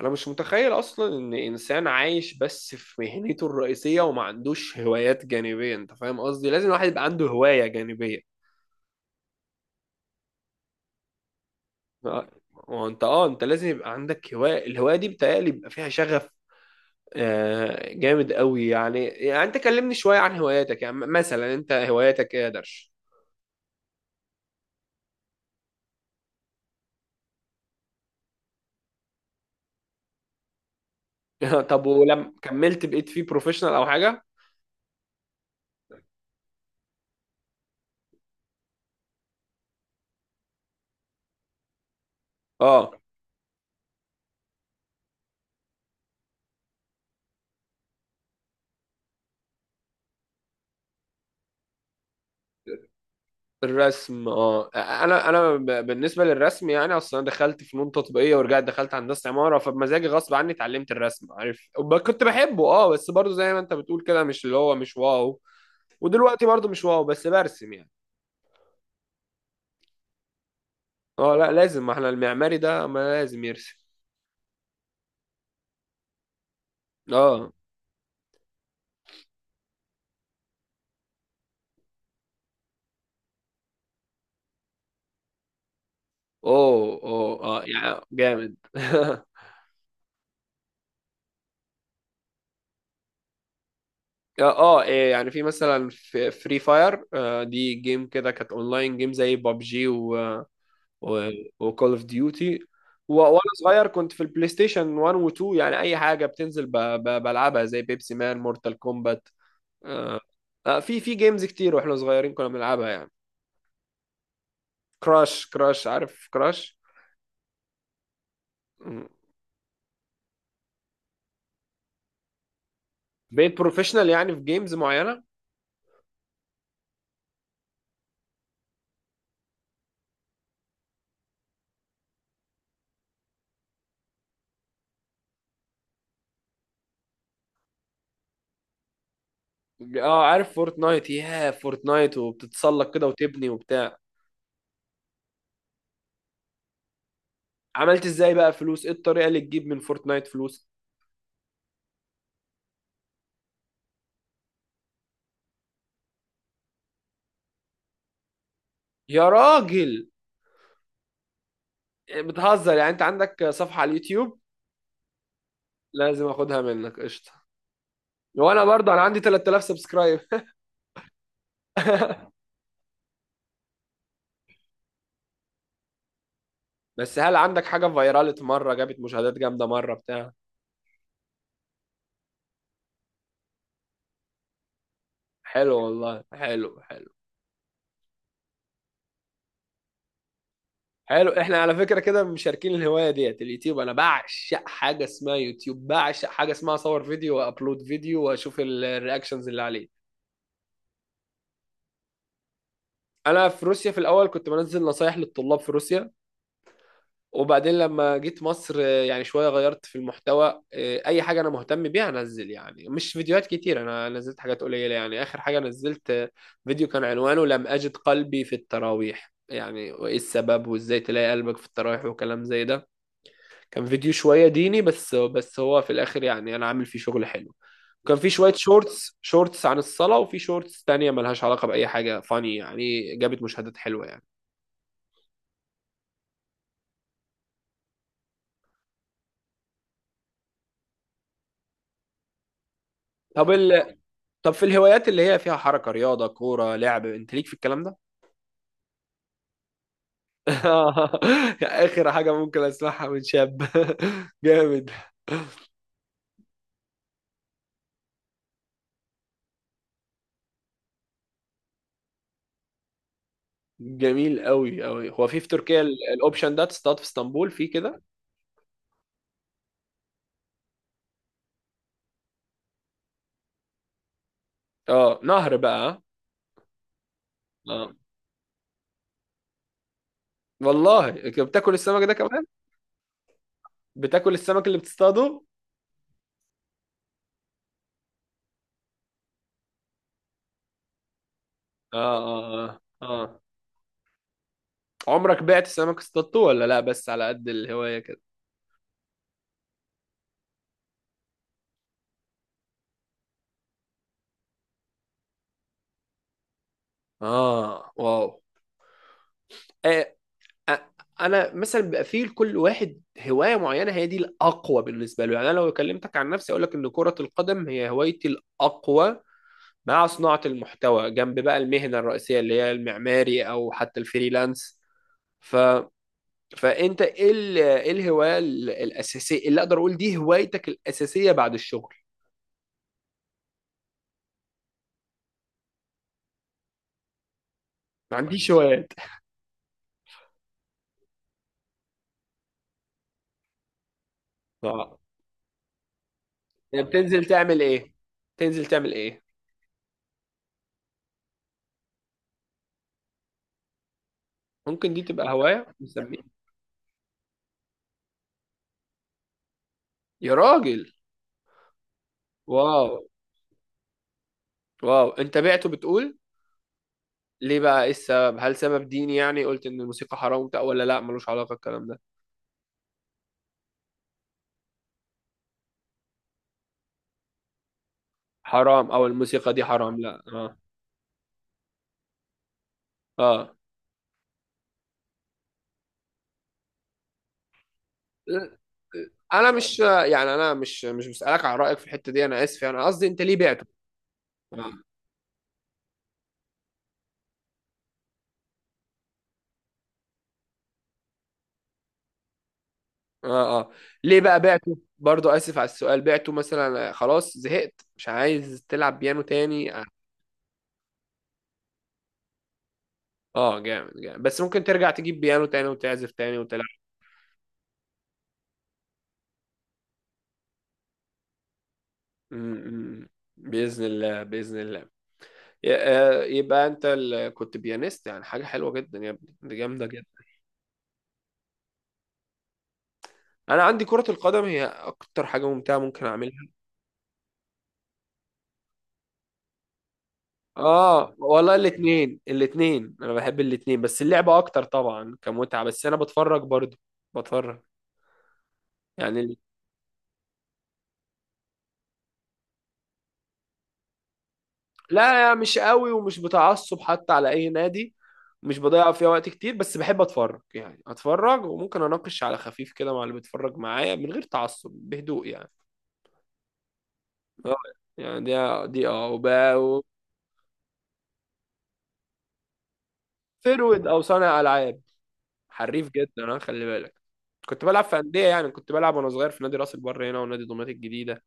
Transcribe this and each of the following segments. انا مش متخيل اصلا ان انسان عايش بس في مهنته الرئيسيه وما عندوش هوايات جانبيه، انت فاهم قصدي؟ لازم الواحد يبقى عنده هوايه جانبيه. وانت انت لازم يبقى عندك هوايه، الهوايه دي بتهيألي يبقى فيها شغف. جامد قوي. يعني انت كلمني شويه عن هواياتك، يعني مثلا انت هواياتك ايه يا درش؟ طب ولما كملت بقيت فيه بروفيشنال او حاجه؟ اه الرسم، اه انا بالنسبه للرسم، يعني اصلا أنا دخلت فنون تطبيقيه ورجعت دخلت هندسه عماره، فبمزاجي غصب عني اتعلمت الرسم، عارف؟ كنت بحبه، اه بس برضه زي ما انت بتقول كده مش اللي هو مش واو. ودلوقتي برضه مش واو بس برسم يعني. اه لا لازم، ما احنا المعماري ده ما لازم يرسم. اه اوه اوه اه يعني جامد اه إيه؟ يعني في مثلا فري فاير، دي جيم كده كانت اونلاين جيم زي بابجي وكول اوف ديوتي. وانا صغير كنت في البلاي ستيشن 1 و2، يعني اي حاجه بتنزل بلعبها زي بيبسي مان، مورتال كومبات. آه. آه في في جيمز كتير واحنا صغيرين كنا بنلعبها يعني. كراش، كراش، عارف كراش؟ مم. بقيت بروفيشنال يعني في جيمز معينه؟ اه عارف فورتنايت، ياه فورتنايت وبتتسلق كده وتبني وبتاع. عملت ازاي بقى فلوس؟ ايه الطريقه اللي تجيب من فورتنايت فلوس؟ يا راجل، بتهزر؟ يعني انت عندك صفحه على اليوتيوب؟ لازم اخدها منك قشطه. وانا برضه انا عندي 3000 سبسكرايب. بس هل عندك حاجه فايرالت مره، جابت مشاهدات جامده مره بتاع؟ حلو والله، حلو حلو. حلو، احنا على فكره كده مشاركين الهوايه ديت، اليوتيوب. انا بعشق حاجه اسمها يوتيوب، بعشق حاجه اسمها اصور فيديو وابلود فيديو واشوف الرياكشنز اللي عليه. انا في روسيا في الاول كنت بنزل نصايح للطلاب في روسيا، وبعدين لما جيت مصر يعني شوية غيرت في المحتوى، أي حاجة أنا مهتم بيها أنزل. يعني مش فيديوهات كتير، أنا نزلت حاجات قليلة. يعني آخر حاجة نزلت فيديو كان عنوانه لم أجد قلبي في التراويح، يعني وإيه السبب وإزاي تلاقي قلبك في التراويح وكلام زي ده. كان فيديو شوية ديني، بس بس هو في الآخر يعني أنا عامل فيه شغل حلو. كان في شوية شورتس، شورتس عن الصلاة، وفي شورتس تانية ملهاش علاقة بأي حاجة فاني، يعني جابت مشاهدات حلوة يعني. طب ال- طب في الهوايات اللي هي فيها حركة، رياضة، كورة، لعب، انت ليك في الكلام ده؟ اخر حاجة ممكن اسمعها من شاب. جامد، جميل قوي قوي. هو في في تركيا الاوبشن ده، تصطاد في اسطنبول في كده؟ اه نهر بقى؟ ها؟ اه والله، بتاكل السمك ده كمان؟ بتاكل السمك اللي بتصطاده؟ اه اه اه اه. عمرك بعت سمك اصطادته ولا لا، بس على قد الهواية كده؟ اه واو. آه، أ- انا مثلا بيبقى فيه لكل واحد هوايه معينه هي دي الاقوى بالنسبه له. يعني انا لو كلمتك عن نفسي اقول لك ان كره القدم هي هوايتي الاقوى، مع صناعه المحتوى جنب بقى المهنه الرئيسيه اللي هي المعماري او حتى الفريلانس. ف فانت ايه ايه الهوايه الاساسيه اللي اقدر اقول دي هوايتك الاساسيه بعد الشغل؟ ما عنديش هوايات؟ اه يعني بتنزل تعمل ايه؟ تنزل تعمل ايه؟ ممكن دي تبقى هوايه نسميها. يا راجل، واو واو، انت بعته بتقول؟ ليه بقى؟ ايه السبب؟ هل سبب ديني، يعني قلت ان الموسيقى حرام وبتاع، ولا لا ملوش علاقة الكلام ده؟ حرام او الموسيقى دي حرام؟ لا اه اه انا مش، يعني انا مش بسألك على رأيك في الحتة دي، انا اسف، يعني قصدي انت ليه بعته؟ اه اه آه. ليه بقى بعته برضو؟ اسف على السؤال. بعته مثلا خلاص زهقت مش عايز تلعب بيانو تاني؟ اه جامد جامد. بس ممكن ترجع تجيب بيانو تاني وتعزف تاني وتلعب؟ م- م. بإذن الله بإذن الله. يبقى انت كنت بيانيست يعني؟ حاجه حلوه جدا يا ابني، دي جامده جدا. انا عندي كره القدم هي اكتر حاجه ممتعه ممكن اعملها. اه والله الاثنين الاثنين، انا بحب الاثنين، بس اللعبه اكتر طبعا كمتعه، بس انا بتفرج برضو. بتفرج، يعني لا مش قوي ومش بتعصب حتى على اي نادي. مش بضيع فيها وقت كتير، بس بحب اتفرج، يعني اتفرج وممكن اناقش على خفيف كده مع اللي بيتفرج معايا من غير تعصب، بهدوء يعني. اه يعني دي دي اه فيرود او صانع العاب. حريف جدا انا خلي بالك. كنت بلعب في انديه، يعني كنت بلعب وانا صغير في نادي راس البر هنا ونادي دمياط الجديده.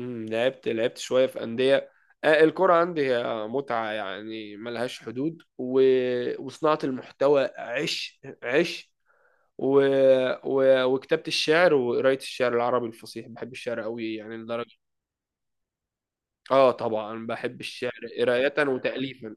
لعبت شويه في انديه. الكرة عندي هي متعة يعني ملهاش حدود، وصناعة المحتوى عش عش، و... وكتابة الشعر وقراية الشعر العربي الفصيح. بحب الشعر قوي يعني لدرجة. اه طبعا بحب الشعر، قراية وتأليفا.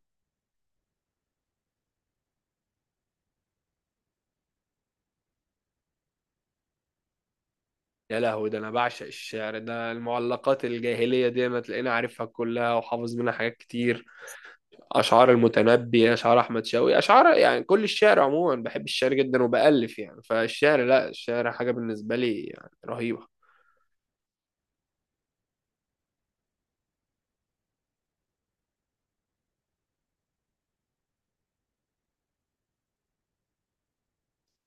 يا لهوي، ده انا بعشق الشعر ده. المعلقات الجاهليه دي ما تلاقيني عارفها كلها وحافظ منها حاجات كتير. اشعار المتنبي، اشعار احمد شوقي، اشعار يعني كل الشعر عموما بحب الشعر جدا وبالف يعني. فالشعر لا، الشعر حاجه بالنسبه لي يعني رهيبه.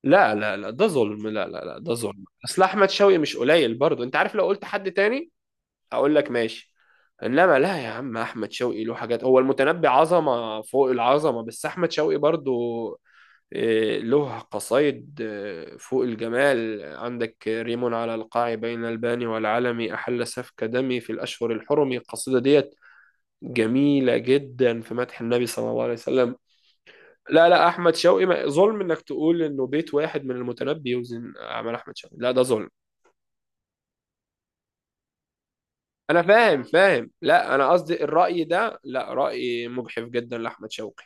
لا لا لا ده ظلم، لا لا لا ده ظلم. اصل احمد شوقي مش قليل برضه، انت عارف، لو قلت حد تاني اقول لك ماشي. انما لا، يا عم احمد شوقي له حاجات. هو المتنبي عظمه فوق العظمه، بس احمد شوقي برضو له قصايد فوق الجمال. عندك ريم على القاع بين الباني والعلمي أحل سفك دمي في الأشهر الحرم، القصيدة ديت جميلة جدا في مدح النبي صلى الله عليه وسلم. لا لا، أحمد شوقي ظلم إنك تقول إنه بيت واحد من المتنبي يوزن أعمال أحمد شوقي، لا ده ظلم. انا فاهم فاهم، لا انا قصدي الرأي ده، لا رأي مجحف جدا لاحمد شوقي.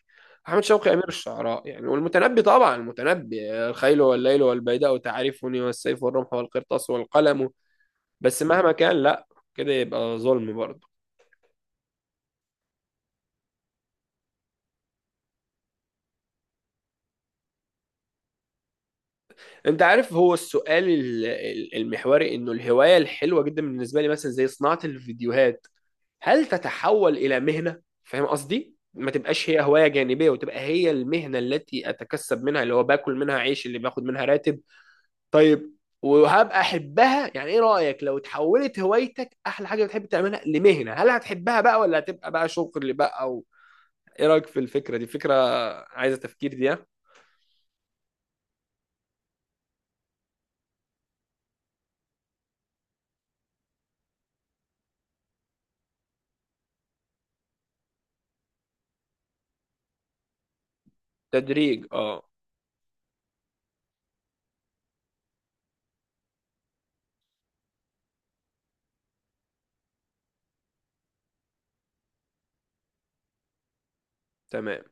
احمد شوقي امير الشعراء يعني. والمتنبي طبعا، المتنبي الخيل والليل والبيداء تعرفني والسيف والرمح والقرطاس والقلم. بس مهما كان، لا كده يبقى ظلم برضه. انت عارف هو السؤال المحوري، انه الهواية الحلوة جدا بالنسبة لي مثلا زي صناعة الفيديوهات، هل تتحول الى مهنه؟ فاهم قصدي؟ ما تبقاش هي هوايه جانبيه، وتبقى هي المهنه التي اتكسب منها، اللي هو باكل منها عيش، اللي باخد منها راتب. طيب، وهبقى احبها؟ يعني ايه رايك لو تحولت هوايتك، احلى حاجه بتحب تعملها، لمهنه؟ هل هتحبها بقى ولا هتبقى بقى شغل بقى؟ او ايه رايك في الفكره دي؟ فكره عايزه تفكير دي، ها؟ تدريج، اه تمام.